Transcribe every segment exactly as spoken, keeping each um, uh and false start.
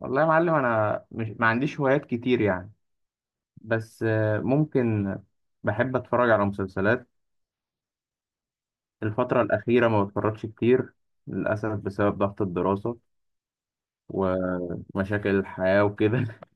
والله يا معلم، انا مش ما عنديش هوايات كتير يعني. بس آه، ممكن. بحب اتفرج على مسلسلات. الفترة الأخيرة ما بتفرجش كتير للأسف بسبب ضغط الدراسة ومشاكل الحياة وكده.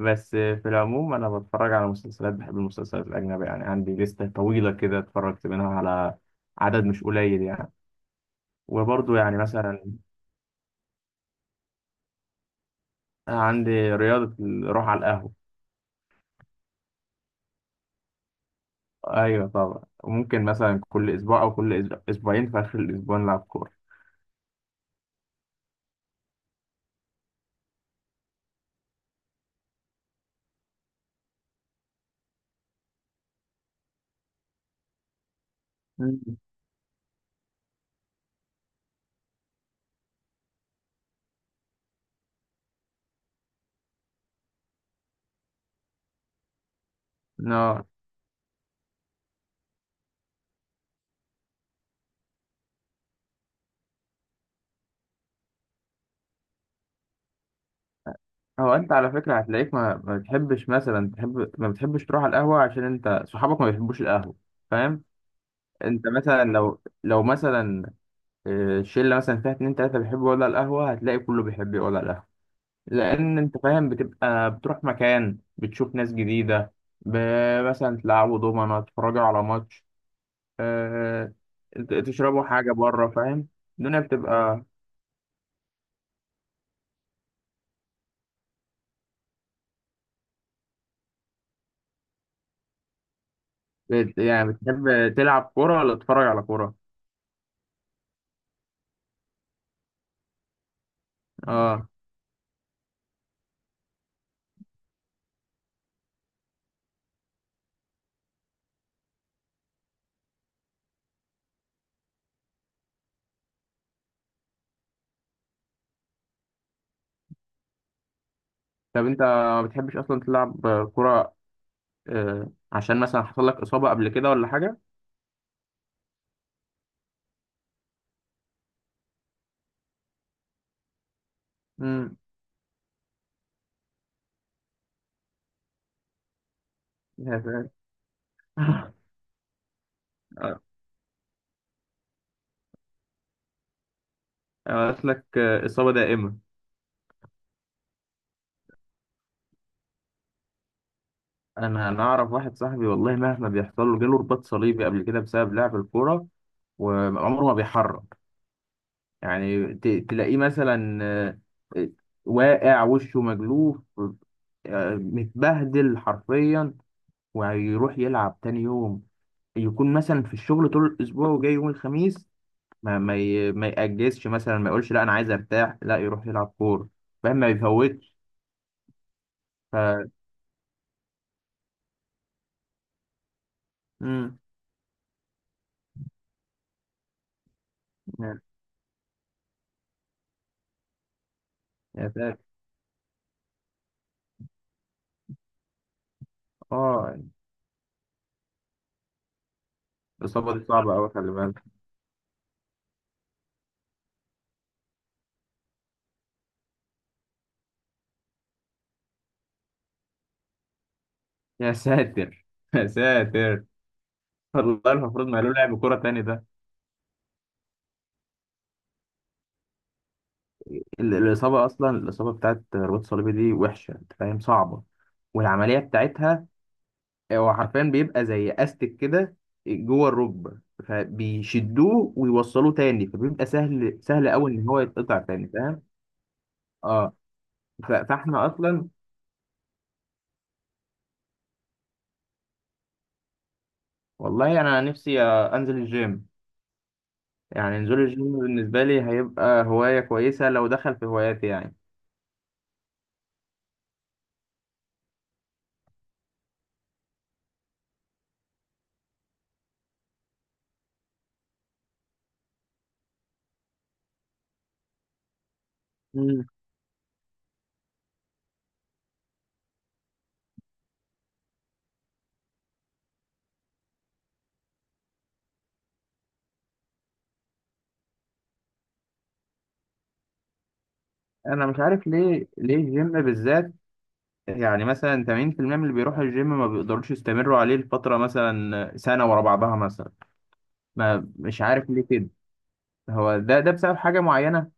بس آه، في العموم أنا بتفرج على مسلسلات. بحب المسلسلات الأجنبية يعني عندي لستة طويلة كده اتفرجت منها على عدد مش قليل يعني. وبرضه يعني مثلا عندي رياضة الروح على القهوة. أيوة طبعا، وممكن مثلا كل أسبوع أو كل أسبوعين في آخر الأسبوع نلعب كورة. مم. اه. هو انت على فكره هتلاقيك ما ما بتحبش، مثلا تحب ما بتحبش تروح على القهوه عشان انت صحابك ما بيحبوش القهوه. فاهم؟ انت مثلا لو لو مثلا آه، شله مثلا فيها اتنين تلاته بيحبوا يقعدوا على القهوه، هتلاقي كله بيحب يقعد على القهوه. لان انت فاهم بتبقى بتروح مكان، بتشوف ناس جديده، ب- مثلا تلعبوا دومنه، تتفرجوا على ماتش، آه، ت- تشربوا حاجه بره. فاهم؟ الدنيا بتبقى... بت- يعني بتحب تلعب كوره ولا تتفرج على كوره؟ اه. طب انت ما بتحبش اصلا تلعب كرة، آه، عشان مثلا حصل لك اصابة قبل كده ولا حاجة؟ امم. يا ساتر. آه، قالت لك آه، اصابة دائمة؟ انا انا اعرف واحد صاحبي والله مهما بيحصل له، جاله رباط صليبي قبل كده بسبب لعب الكورة، وعمره ما بيحرك. يعني ت- تلاقيه مثلا آه، آه، واقع وشه مجلوف، آه، متبهدل حرفيا، ويروح يلعب تاني يوم. يكون مثلا في الشغل طول الاسبوع وجاي يوم الخميس ما ما ي- ما يأجزش، مثلا ما يقولش لا انا عايز ارتاح، لا يروح يلعب كوره. فاهم؟ ما بيفوتش. ف امم يا يا ساتر. اه. الاصابه دي صعبه قوي، خلي بالك. يا ساتر. يا ساتر. والله المفروض ما له لعب كوره تاني ده. ال- الاصابه اصلا، الاصابه بتاعت رباط الصليبي دي وحشه، انت فاهم، صعبه. والعمليه بتاعتها هو حرفيا بيبقى زي استك كده جوه الركبه، فبيشدوه ويوصلوه تاني، فبيبقى سهل سهل قوي ان هو يتقطع تاني. فاهم؟ اه. ف- فاحنا اصلا، والله انا نفسي آه، انزل الجيم. يعني نزول الجيم بالنسبه لي هيبقى هوايه كويسه لو دخل في هواياتي يعني. مم. انا مش عارف ليه ليه الجيم بالذات؟ يعني مثلا ثمانين في المية من اللي بيروحوا الجيم ما بيقدروش يستمروا عليه لفتره، مثلا سنه ورا بعضها مثلا. ما مش عارف ليه كده. هو ده ده بسبب حاجه معينه؟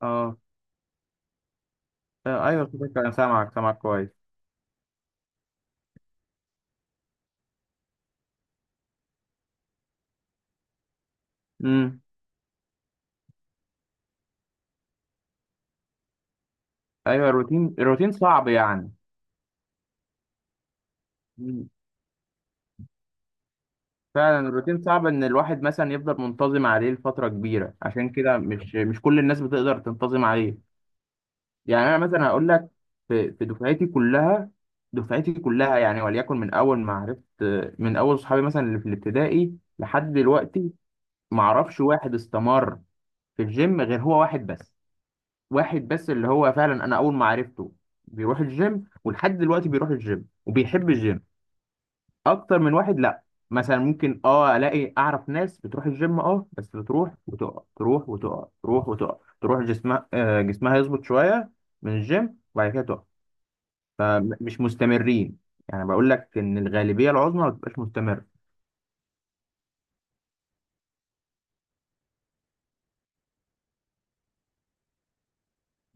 اه. آه، ايوه صدق، انا سامعك، سامعك كويس. امم ايوه الروتين، الروتين صعب يعني. فعلا الروتين صعب ان الواحد مثلا يفضل منتظم عليه لفتره كبيره، عشان كده مش مش كل الناس بتقدر تنتظم عليه. يعني انا مثلا هقول لك، في في دفعتي كلها، دفعتي كلها يعني، وليكن من اول ما عرفت، من اول صحابي مثلا اللي في الابتدائي لحد دلوقتي، ما اعرفش واحد استمر في الجيم غير هو واحد بس. واحد بس اللي هو فعلا انا اول ما عرفته بيروح الجيم، ولحد دلوقتي بيروح الجيم وبيحب الجيم. اكتر من واحد لا. مثلا ممكن اه الاقي اعرف ناس بتروح الجيم، اه بس بتروح وتقع، تروح وتقع، تروح وتقع، تروح جسمها آه، جسمها يظبط شويه من الجيم، وبعد كده تقع. فمش مستمرين. يعني بقول لك ان الغالبيه العظمى ما بتبقاش مستمره.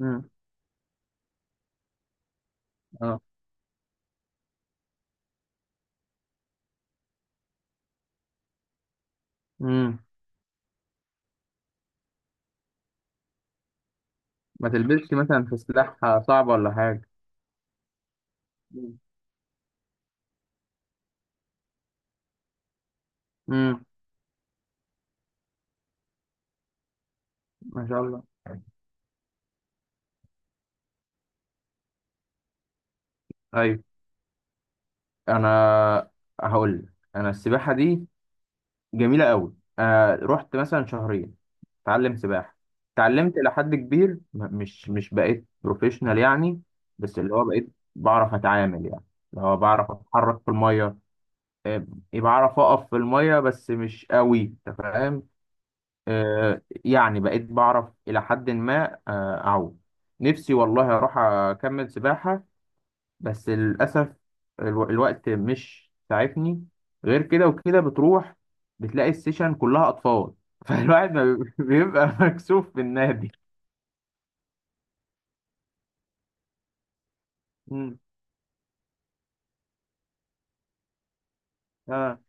امم اه. امم ما تلبسش مثلا في سلاح؟ صعبه ولا حاجه؟ مم. امم ما شاء الله. طيب انا هقول لك، انا السباحه دي جميلة قوي. آه رحت مثلا شهرين اتعلم سباحة، اتعلمت إلى حد كبير، م- مش مش بقيت بروفيشنال يعني. بس اللي هو بقيت بعرف أتعامل يعني، اللي هو بعرف أتحرك في المية. آه، يعني بعرف أقف في المية بس مش قوي. أنت فاهم؟ آه يعني بقيت بعرف إلى حد ما آه أعوم. نفسي والله أروح أكمل سباحة، بس للأسف الو... الوقت مش ساعدني. غير كده وكده بتروح بتلاقي السيشن كلها أطفال. فالواحد ما بي- بيبقى مكسوف في النادي. مم. اه،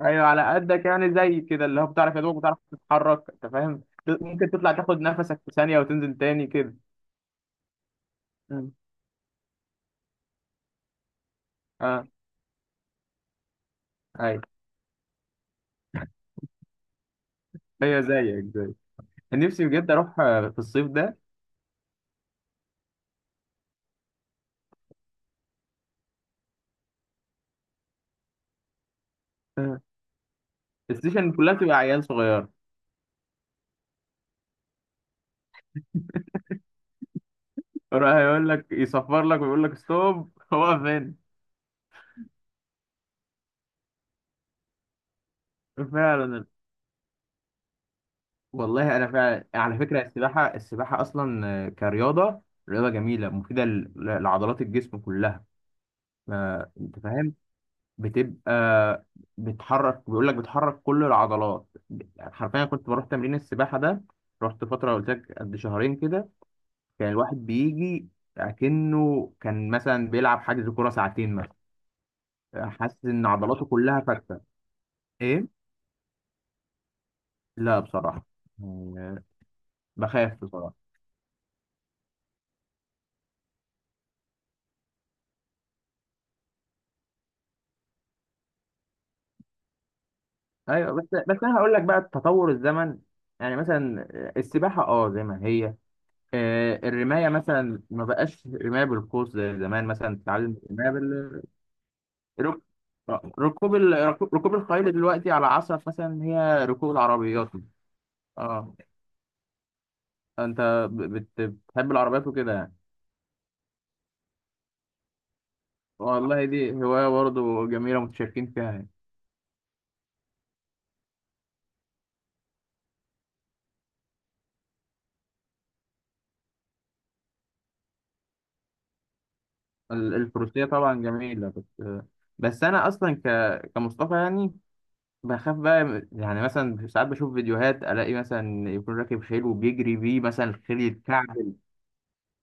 ايوه على قدك يعني، زي كده اللي هو بتعرف يا دوبك، بتعرف تتحرك، انت فاهم. ت- ممكن تطلع تاخد نفسك في ثانية وتنزل تاني كده. مم. اه، ايوه. هي زيك زيك. نفسي بجد اروح آه، في الصيف ده. آه. السيشن كلها بتبقى عيال صغيرة، يروح يقول لك يصفر لك ويقول لك ستوب. واقف هنا. فعلا. والله انا فعلا على فكره السباحه، السباحه اصلا آه، كرياضه، رياضه جميله مفيده ل- ل- لعضلات الجسم كلها. ما انت فاهم بتبقى بتحرك، بيقول لك بتحرك كل العضلات حرفيا. كنت بروح تمرين السباحه ده، رحت فتره قلت لك قد شهرين كده، كان الواحد بيجي اكنه كان مثلا بيلعب حجز كوره ساعتين مثلا، حاسس ان عضلاته كلها فكه. ايه؟ لا بصراحه، آه، بخاف بصراحه. ايوه بس، بس انا هقول لك بقى تطور الزمن. يعني مثلا السباحه اه زي ما هي، آه، الرمايه مثلا ما بقاش رمايه بالقوس زي زمان، مثلا تتعلم الرمايه بال رك- آه، ركوب ال... ركوب الخيل دلوقتي على عصف مثلا، هي ركوب العربيات. اه. انت ب- بت- بتحب العربيات وكده يعني؟ والله دي هوايه برضه جميله متشاركين فيها يعني. ال- الفروسيه طبعا جميله، بس بس انا اصلا ك... كمصطفى يعني بخاف بقى. يعني مثلا ساعات بشوف فيديوهات الاقي مثلا يكون راكب خيل وبيجري بيه مثلا، الخيل يتكعبل.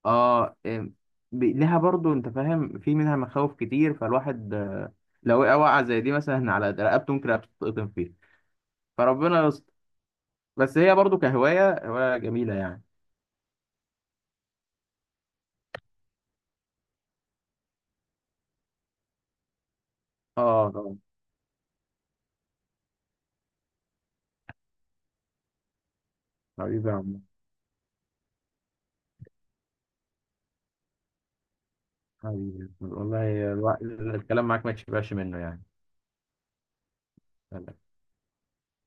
اه. إم، بي- لها برضو، انت فاهم، في منها مخاوف كتير. فالواحد آه، لو وقع وقعة زي دي مثلا على رقبته ممكن تتقطم فيه، فربنا يستر. بس هي برضو كهواية هواية جميلة يعني. اه طبعا. حبيبي يا عم. حبيبي والله الوقت- الكلام معاك ما تشبعش منه يعني.